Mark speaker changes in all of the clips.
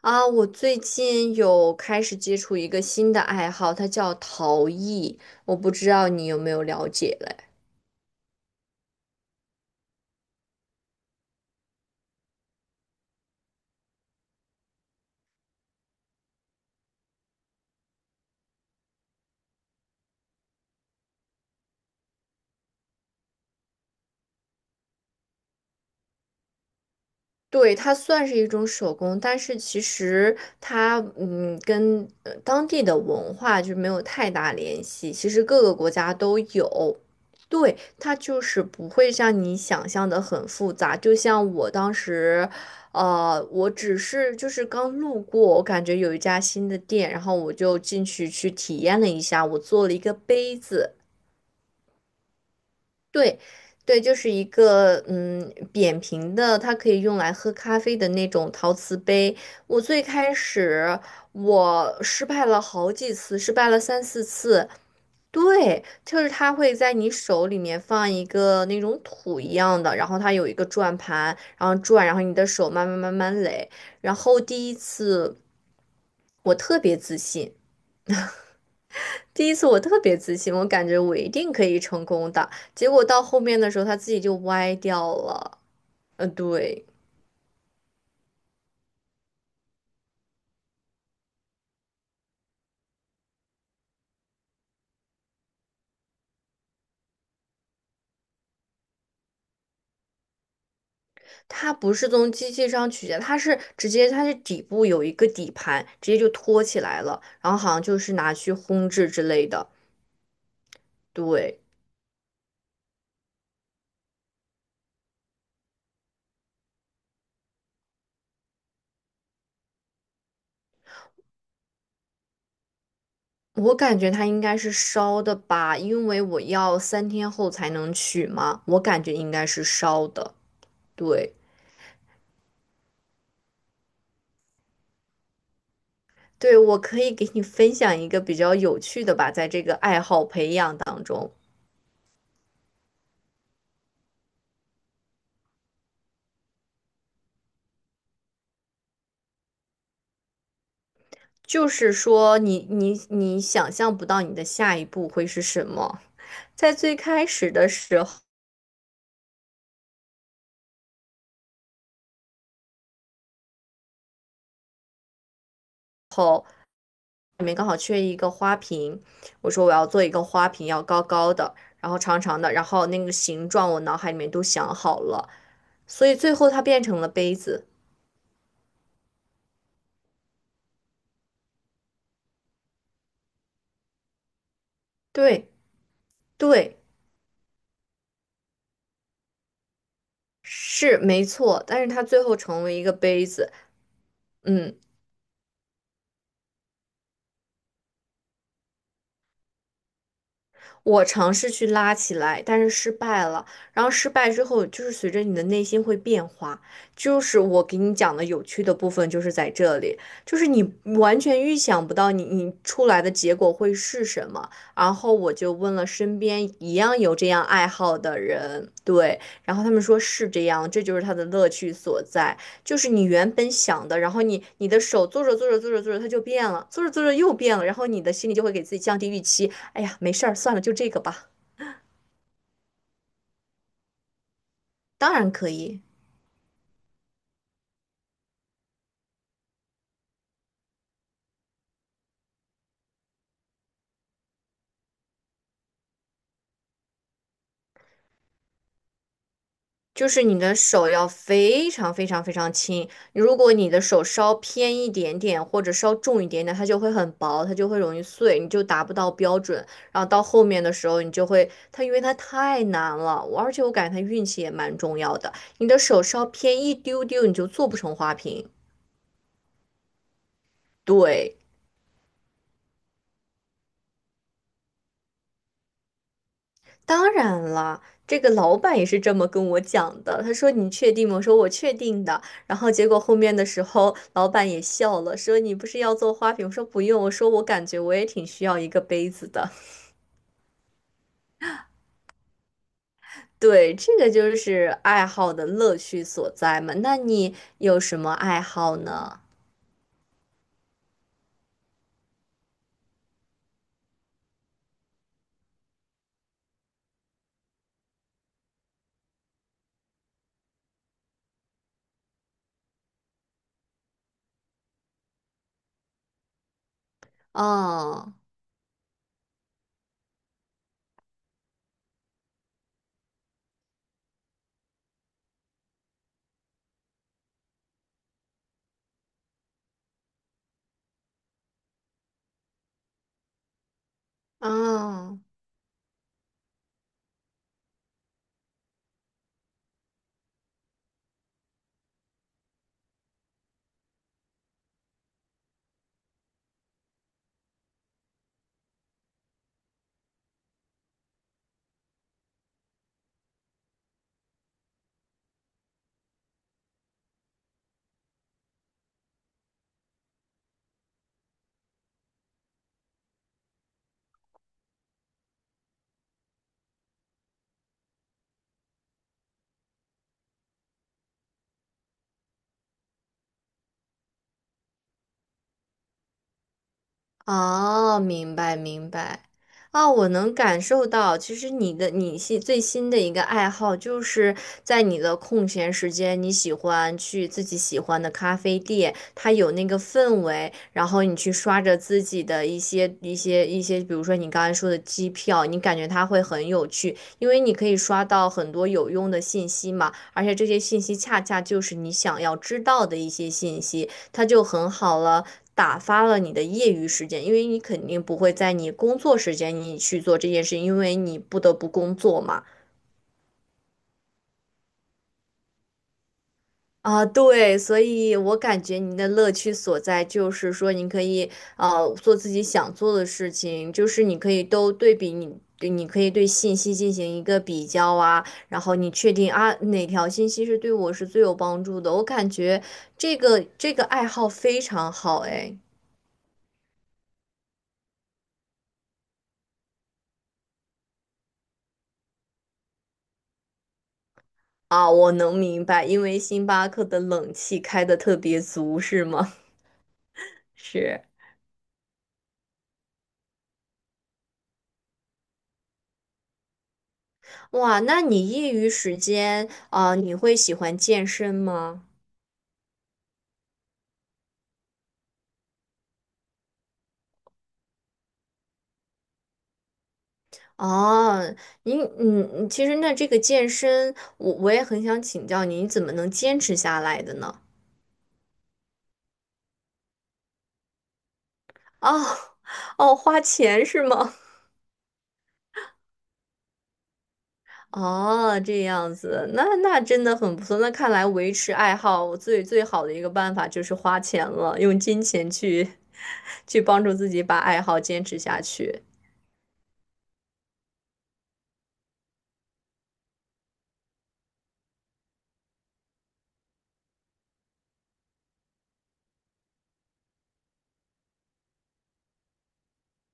Speaker 1: 啊，我最近有开始接触一个新的爱好，它叫陶艺，我不知道你有没有了解嘞。对，它算是一种手工，但是其实它跟当地的文化就没有太大联系。其实各个国家都有，对，它就是不会像你想象的很复杂。就像我当时，我只是就是刚路过，我感觉有一家新的店，然后我就进去去体验了一下，我做了一个杯子。对，对，就是一个扁平的，它可以用来喝咖啡的那种陶瓷杯。我最开始我失败了好几次，失败了三四次。对，就是它会在你手里面放一个那种土一样的，然后它有一个转盘，然后转，然后你的手慢慢慢慢垒。然后我特别自信，第一次我特别自信，我感觉我一定可以成功的。结果到后面的时候，它自己就歪掉了。对，它不是从机器上取下，它是底部有一个底盘，直接就托起来了，然后好像就是拿去烘制之类的。对，我感觉它应该是烧的吧，因为我要3天后才能取嘛，我感觉应该是烧的。对，对，我可以给你分享一个比较有趣的吧，在这个爱好培养当中。就是说你想象不到你的下一步会是什么。在最开始的时候，里面刚好缺一个花瓶，我说我要做一个花瓶，要高高的，然后长长的，然后那个形状我脑海里面都想好了，所以最后它变成了杯子。对对，是没错，但是它最后成为一个杯子，嗯。我尝试去拉起来，但是失败了。然后失败之后，就是随着你的内心会变化。就是我给你讲的有趣的部分，就是在这里，就是你完全预想不到你出来的结果会是什么。然后我就问了身边一样有这样爱好的人，对，然后他们说是这样，这就是他的乐趣所在。就是你原本想的，然后你的手做着做着做着做着，它就变了，做着做着又变了，然后你的心里就会给自己降低预期，哎呀，没事儿，算了，就这个吧。当然可以，就是你的手要非常非常非常轻。如果你的手稍偏一点点，或者稍重一点点，它就会很薄，它就会容易碎，你就达不到标准。然后到后面的时候，你就会它，因为它太难了，而且我感觉它运气也蛮重要的。你的手稍偏一丢丢，你就做不成花瓶。对，当然了，这个老板也是这么跟我讲的。他说："你确定吗？"我说："我确定的。"然后结果后面的时候，老板也笑了，说："你不是要做花瓶？"我说："不用。"我说："我感觉我也挺需要一个杯子的。"对，这个就是爱好的乐趣所在嘛。那你有什么爱好呢？哦，哦。哦，明白明白。哦，我能感受到，其实你的你新最新的一个爱好，就是在你的空闲时间，你喜欢去自己喜欢的咖啡店，它有那个氛围，然后你去刷着自己的一些，比如说你刚才说的机票，你感觉它会很有趣，因为你可以刷到很多有用的信息嘛，而且这些信息恰恰就是你想要知道的一些信息。它就很好了，打发了你的业余时间，因为你肯定不会在你工作时间你去做这件事，因为你不得不工作嘛。啊，对，所以我感觉您的乐趣所在就是说，您可以做自己想做的事情，就是你可以都对比你，对你可以对信息进行一个比较啊，然后你确定啊哪条信息是对我是最有帮助的。我感觉这个爱好非常好，哎。啊，我能明白，因为星巴克的冷气开的特别足，是吗？是，哇，那你业余时间啊，你会喜欢健身吗？哦，您，嗯，其实那这个健身，我也很想请教您，你怎么能坚持下来的呢？哦，哦，花钱是吗？哦，这样子，那真的很不错。那看来维持爱好最最好的一个办法就是花钱了，用金钱去 去帮助自己把爱好坚持下去。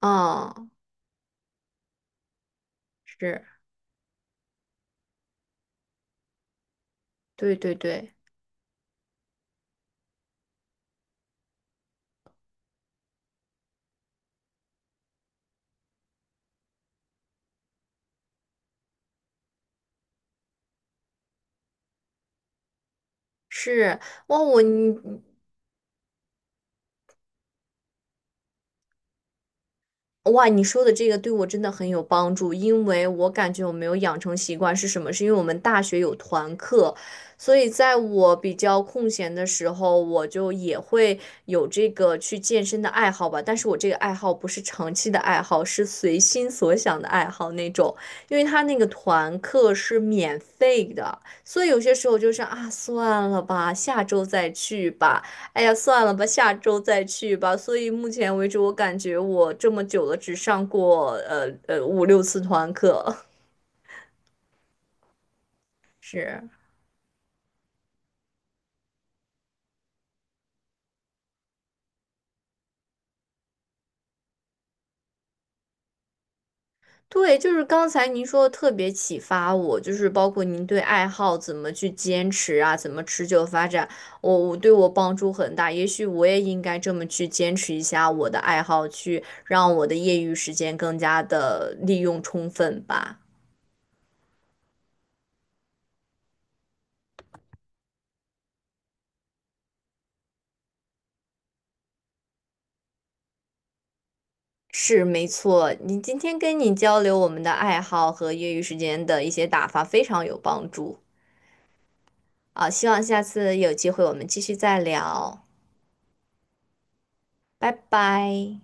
Speaker 1: 嗯，是，对对对，是。哇，哇，你说的这个对我真的很有帮助，因为我感觉我没有养成习惯是什么？是因为我们大学有团课，所以在我比较空闲的时候，我就也会有这个去健身的爱好吧。但是我这个爱好不是长期的爱好，是随心所想的爱好那种，因为他那个团课是免费的，所以有些时候就是啊，算了吧，下周再去吧。哎呀，算了吧，下周再去吧。所以目前为止，我感觉我这么久了，只上过五六次团课。是，对，就是刚才您说的特别启发我，就是包括您对爱好怎么去坚持啊，怎么持久发展，我对我帮助很大。也许我也应该这么去坚持一下我的爱好，去让我的业余时间更加的利用充分吧。是没错，你今天跟你交流我们的爱好和业余时间的一些打发非常有帮助啊，希望下次有机会我们继续再聊，拜拜。